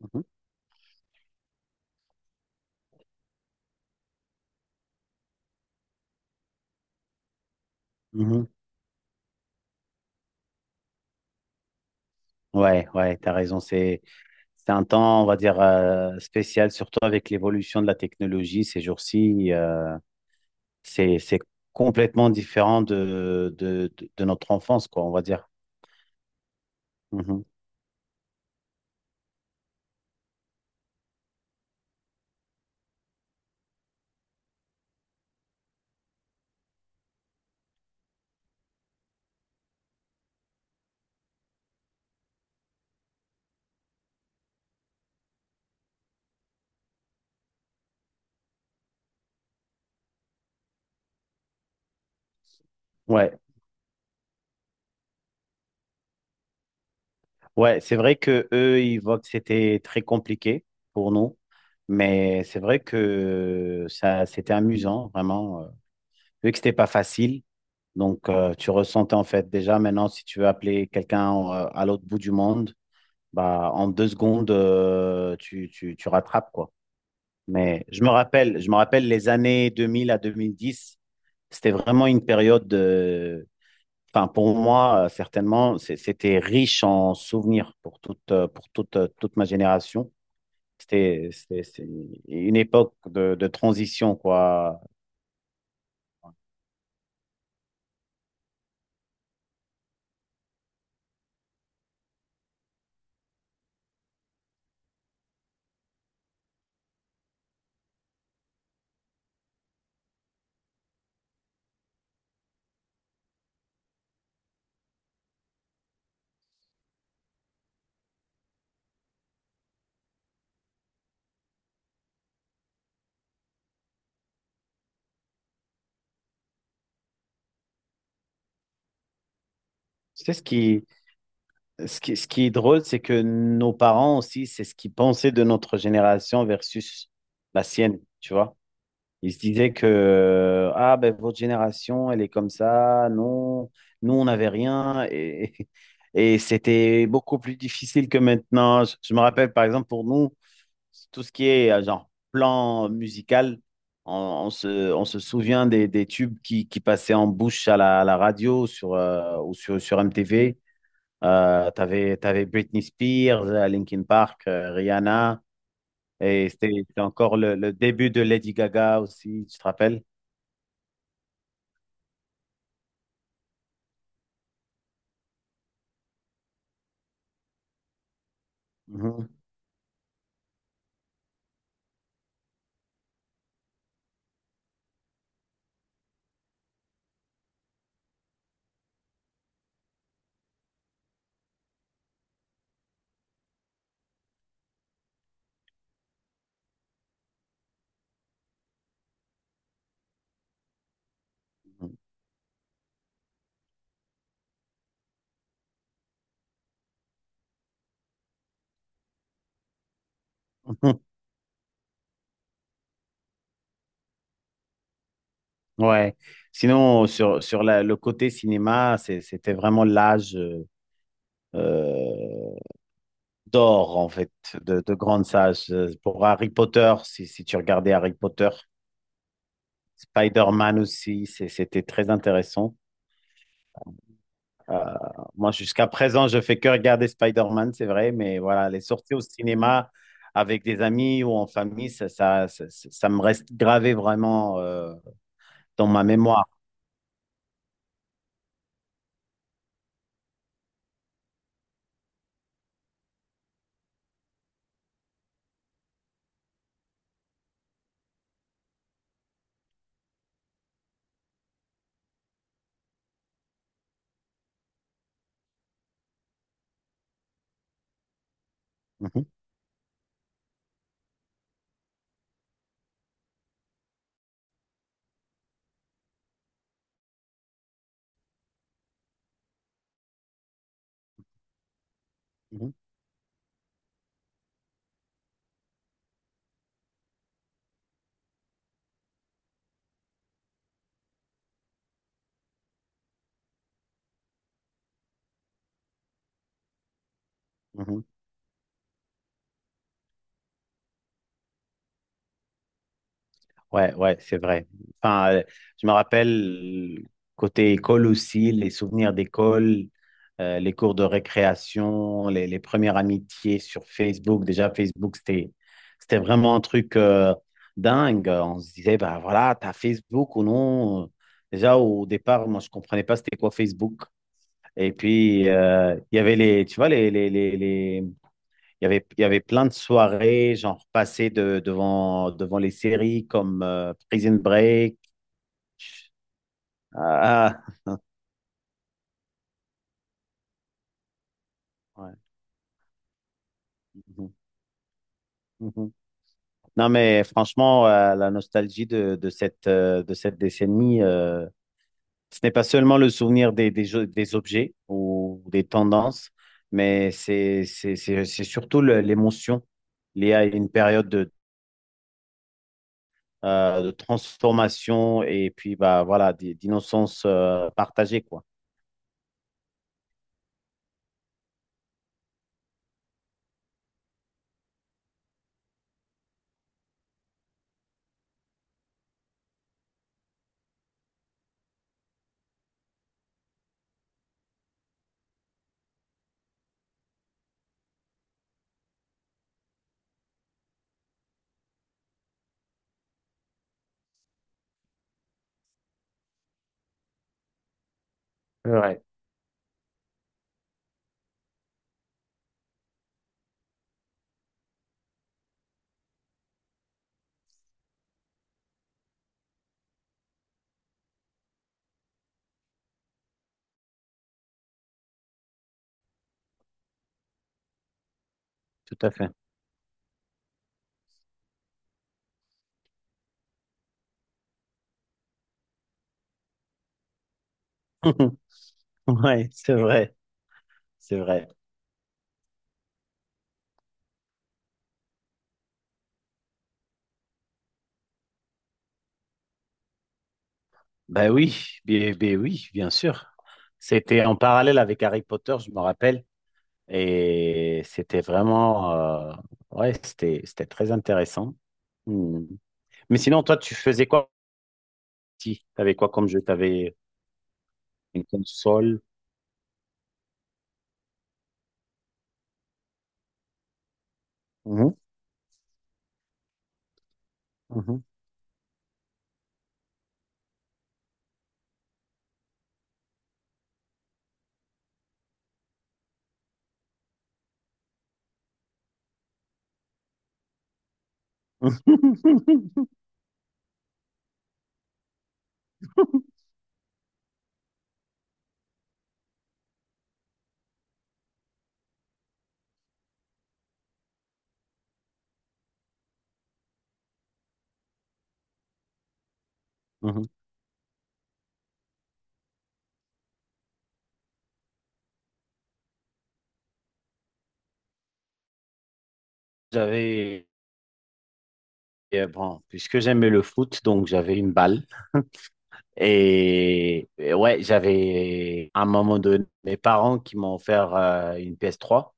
Mhm. Mhm. Ouais, ouais, t'as raison. C'est un temps, on va dire, spécial, surtout avec l'évolution de la technologie ces jours-ci. C'est complètement différent de notre enfance, quoi, on va dire. Mhm. Ouais. Ouais, c'est vrai que eux, ils voient que c'était très compliqué pour nous, mais c'est vrai que ça, c'était amusant, vraiment. Vu que c'était pas facile, donc tu ressentais en fait déjà maintenant si tu veux appeler quelqu'un à l'autre bout du monde, bah en deux secondes tu rattrapes quoi. Mais je me rappelle les années 2000 à 2010, c'était vraiment une période. Enfin, pour moi, certainement, c'était riche en souvenirs pour toute, toute ma génération. C'est une époque de transition, quoi. Tu sais, ce qui est drôle, c'est que nos parents aussi, c'est ce qu'ils pensaient de notre génération versus la sienne, tu vois. Ils se disaient que, ah, ben, votre génération, elle est comme ça. Non, nous, on n'avait rien. Et c'était beaucoup plus difficile que maintenant. Je me rappelle, par exemple, pour nous, tout ce qui est genre plan musical, on, on se souvient des tubes qui passaient en bouche à la radio sur, sur MTV. T'avais Britney Spears, Linkin Park, Rihanna, et c'était encore le début de Lady Gaga aussi, tu te rappelles? Mhm. Mhm. Ouais. Sinon, sur le côté cinéma, c'était vraiment l'âge. euh, d'or, en fait, de grandes sages. Pour Harry Potter, si, si tu regardais Harry Potter, Spider-Man aussi, c'était très intéressant. Euh, moi, jusqu'à présent, je fais que regarder Spider-Man, c'est vrai, mais voilà, les sorties au cinéma avec des amis ou en famille, ça me reste gravé vraiment dans ma mémoire. Mhm, mhm. Mhm. Ouais, ouais, c'est vrai. Enfin, je me rappelle côté école aussi, les souvenirs d'école, les cours de récréation, les premières amitiés sur Facebook. Déjà, Facebook, c'était vraiment un truc dingue. On se disait, bah voilà, t'as Facebook ou non? Déjà, au départ, moi, je comprenais pas c'était quoi Facebook. Et puis, il y avait les, tu vois, les il y avait plein de soirées, genre passées devant, devant les séries comme Prison Break. Ah, ah, ouais. Mhm, mhm. Non, mais franchement, la nostalgie de cette décennie, ce n'est pas seulement le souvenir des, des objets ou des tendances, mais c'est surtout l'émotion liée à une période de transformation et puis bah, voilà, d'innocence partagée, quoi. Ouais, tout à fait. Ouais, c'est vrai, c'est vrai. Ben oui, ben oui, bien sûr. C'était en parallèle avec Harry Potter, je me rappelle, et c'était vraiment, ouais, c'était très intéressant. Hmm. Mais sinon, toi, tu faisais quoi? Si, t'avais quoi comme jeu? T'avais une console? Mhm, mhm. Mhm. J'avais, bon, puisque j'aimais le foot, donc j'avais une balle. Et ouais, j'avais à un moment donné mes parents qui m'ont offert une PS3.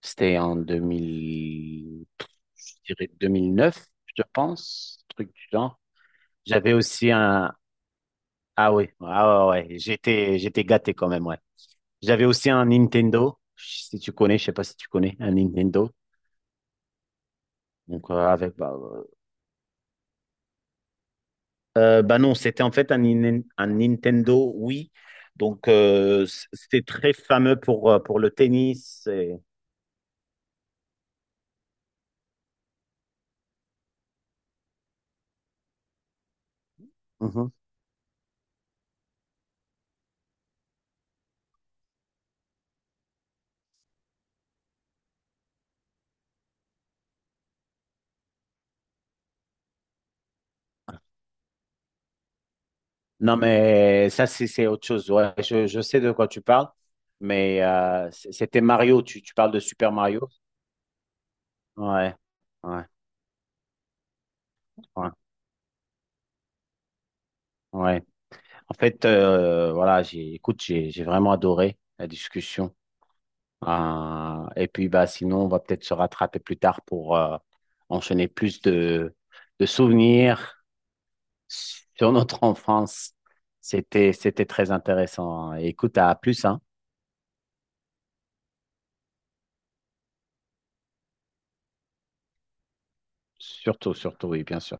C'était en 2000, je dirais 2009, je pense, truc du genre. J'avais aussi un, ah oui, ah ouais, ouais, j'étais gâté quand même, ouais. J'avais aussi un Nintendo, si tu connais, je sais pas si tu connais, un Nintendo. Donc, avec, bah, bah non, c'était en fait un, un Nintendo Wii. Donc, c'était très fameux pour le tennis. Mhm. Non, mais ça, c'est autre chose. Ouais, je sais de quoi tu parles, mais c'était Mario. Tu parles de Super Mario? Ouais, ouais, ouais, ouais. En fait, voilà, écoute, j'ai vraiment adoré la discussion. Et puis, bah, sinon, on va peut-être se rattraper plus tard pour enchaîner plus de souvenirs sur notre enfance. C'était, c'était très intéressant. Écoute, à plus, hein. Surtout, surtout, oui, bien sûr.